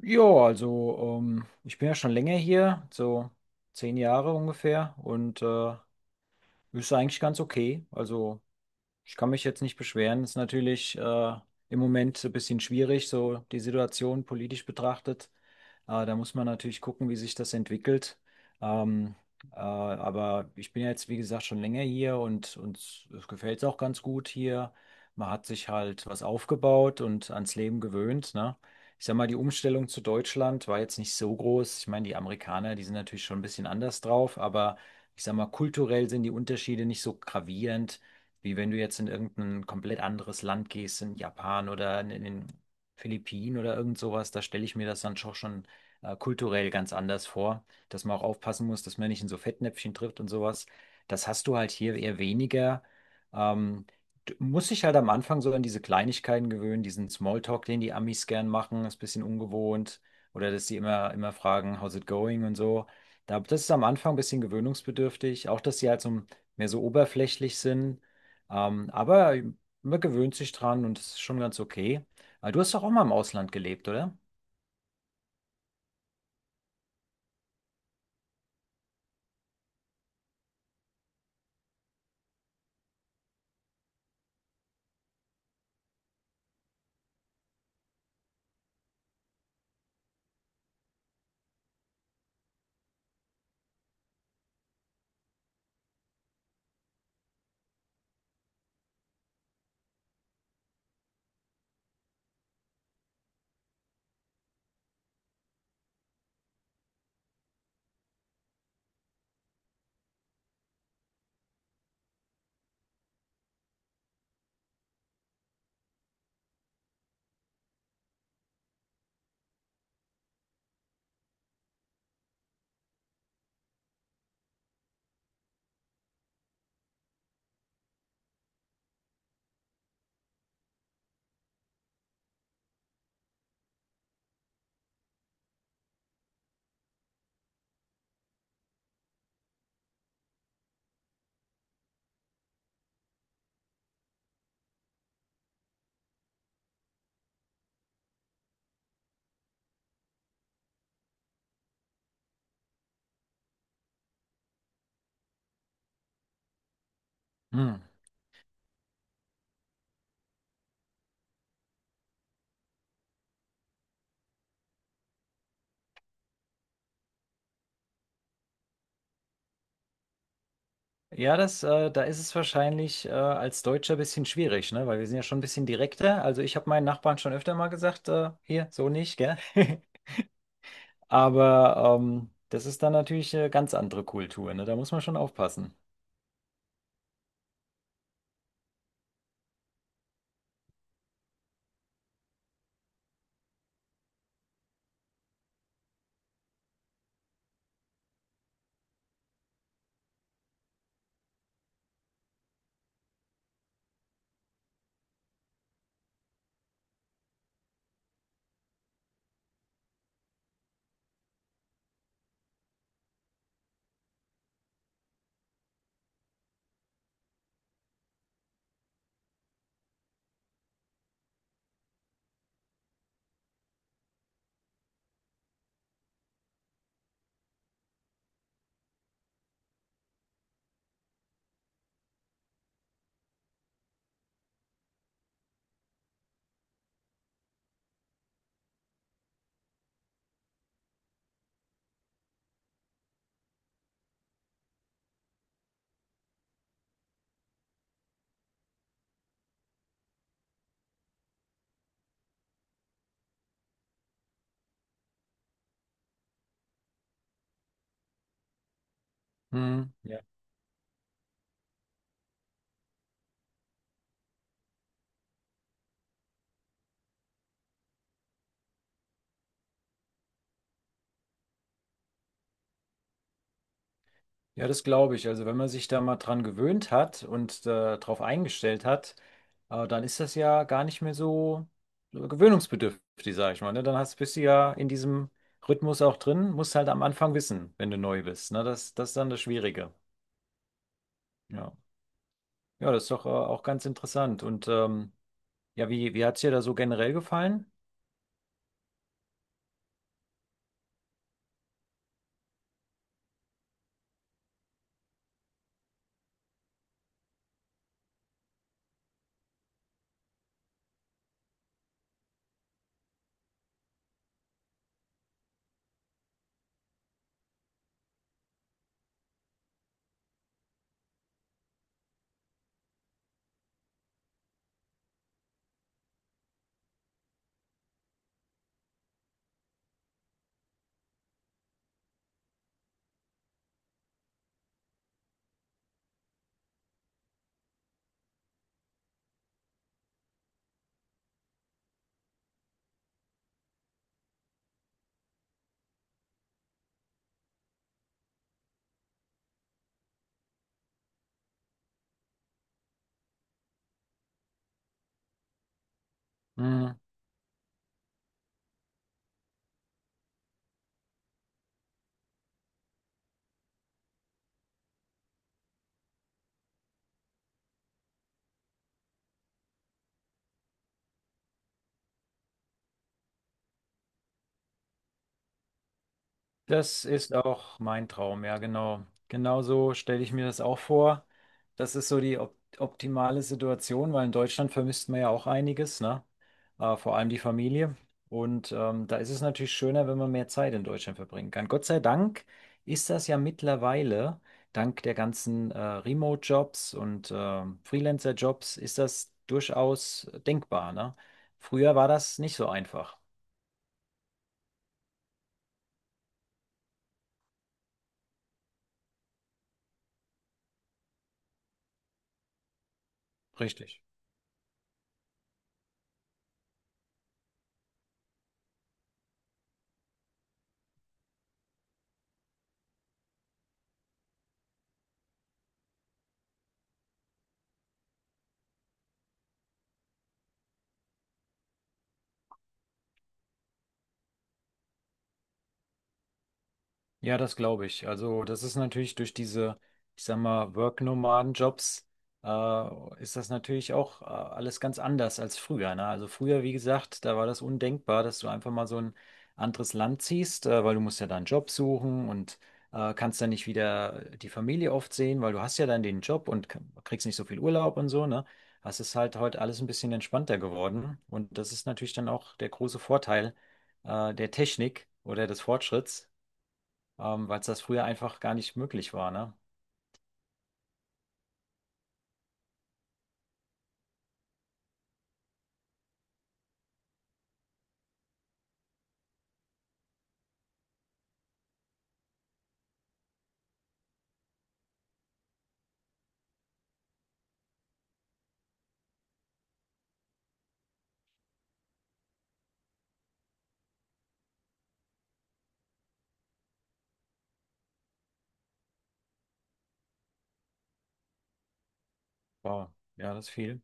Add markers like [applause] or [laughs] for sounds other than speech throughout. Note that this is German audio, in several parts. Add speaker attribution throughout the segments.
Speaker 1: Ja, also ich bin ja schon länger hier, so 10 Jahre ungefähr und ist eigentlich ganz okay. Also ich kann mich jetzt nicht beschweren. Ist natürlich im Moment so ein bisschen schwierig, so die Situation politisch betrachtet. Da muss man natürlich gucken, wie sich das entwickelt. Ähm, aber ich bin ja jetzt, wie gesagt, schon länger hier und uns gefällt es auch ganz gut hier. Man hat sich halt was aufgebaut und ans Leben gewöhnt, ne? Ich sag mal, die Umstellung zu Deutschland war jetzt nicht so groß. Ich meine, die Amerikaner, die sind natürlich schon ein bisschen anders drauf, aber ich sag mal, kulturell sind die Unterschiede nicht so gravierend. Wie wenn du jetzt in irgendein komplett anderes Land gehst, in Japan oder in den Philippinen oder irgend sowas, da stelle ich mir das dann schon kulturell ganz anders vor, dass man auch aufpassen muss, dass man nicht in so Fettnäpfchen trifft und sowas. Das hast du halt hier eher weniger. Ähm, Du musst dich halt am Anfang so an diese Kleinigkeiten gewöhnen, diesen Smalltalk, den die Amis gern machen, ist ein bisschen ungewohnt. Oder dass die immer fragen, how's it going und so. Das ist am Anfang ein bisschen gewöhnungsbedürftig. Auch, dass sie halt so ein mehr so oberflächlich sind, aber man gewöhnt sich dran und es ist schon ganz okay. Du hast doch auch mal im Ausland gelebt, oder? Hm. Ja, da ist es wahrscheinlich als Deutscher ein bisschen schwierig, ne? Weil wir sind ja schon ein bisschen direkter. Also ich habe meinen Nachbarn schon öfter mal gesagt, hier, so nicht, gell? [laughs] Aber das ist dann natürlich eine ganz andere Kultur, ne? Da muss man schon aufpassen. Hm. Ja. Ja, das glaube ich. Also wenn man sich da mal dran gewöhnt hat und darauf eingestellt hat, dann ist das ja gar nicht mehr so gewöhnungsbedürftig, sage ich mal. Ne? Dann hast, bist du ja in diesem Rhythmus auch drin, musst halt am Anfang wissen, wenn du neu bist. Ne? Das ist dann das Schwierige. Ja, ja, das ist doch auch ganz interessant. Und ja, wie hat es dir da so generell gefallen? Das ist auch mein Traum, ja, genau. Genau so stelle ich mir das auch vor. Das ist so die op optimale Situation, weil in Deutschland vermisst man ja auch einiges, ne? Vor allem die Familie. Und da ist es natürlich schöner, wenn man mehr Zeit in Deutschland verbringen kann. Gott sei Dank ist das ja mittlerweile, dank der ganzen Remote-Jobs und Freelancer-Jobs, ist das durchaus denkbar, ne? Früher war das nicht so einfach. Richtig. Ja, das glaube ich. Also, das ist natürlich durch diese, ich sag mal, Work-Nomaden-Jobs, ist das natürlich auch alles ganz anders als früher, ne? Also früher, wie gesagt, da war das undenkbar, dass du einfach mal so ein anderes Land ziehst, weil du musst ja dann einen Job suchen und kannst dann nicht wieder die Familie oft sehen, weil du hast ja dann den Job und kriegst nicht so viel Urlaub und so, ne? Das ist halt heute alles ein bisschen entspannter geworden und das ist natürlich dann auch der große Vorteil der Technik oder des Fortschritts weil es das früher einfach gar nicht möglich war, ne? Wow, ja, das ist viel.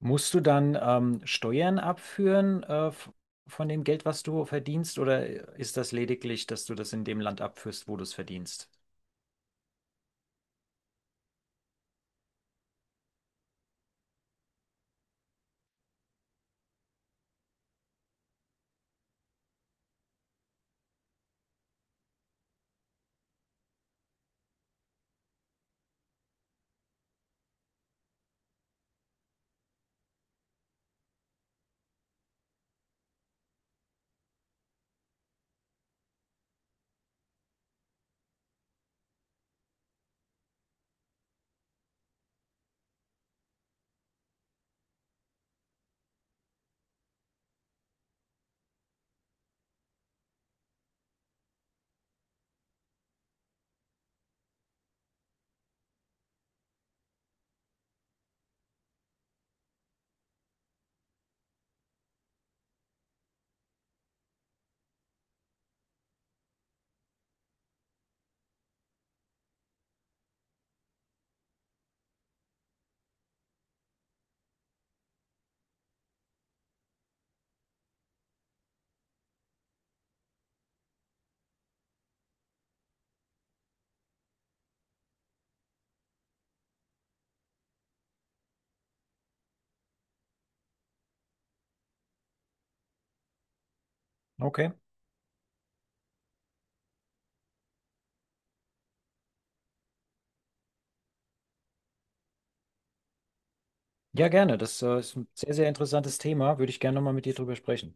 Speaker 1: Musst du dann Steuern abführen von dem Geld, was du verdienst, oder ist das lediglich, dass du das in dem Land abführst, wo du es verdienst? Okay. Ja, gerne. Das ist ein sehr interessantes Thema. Würde ich gerne nochmal mit dir drüber sprechen.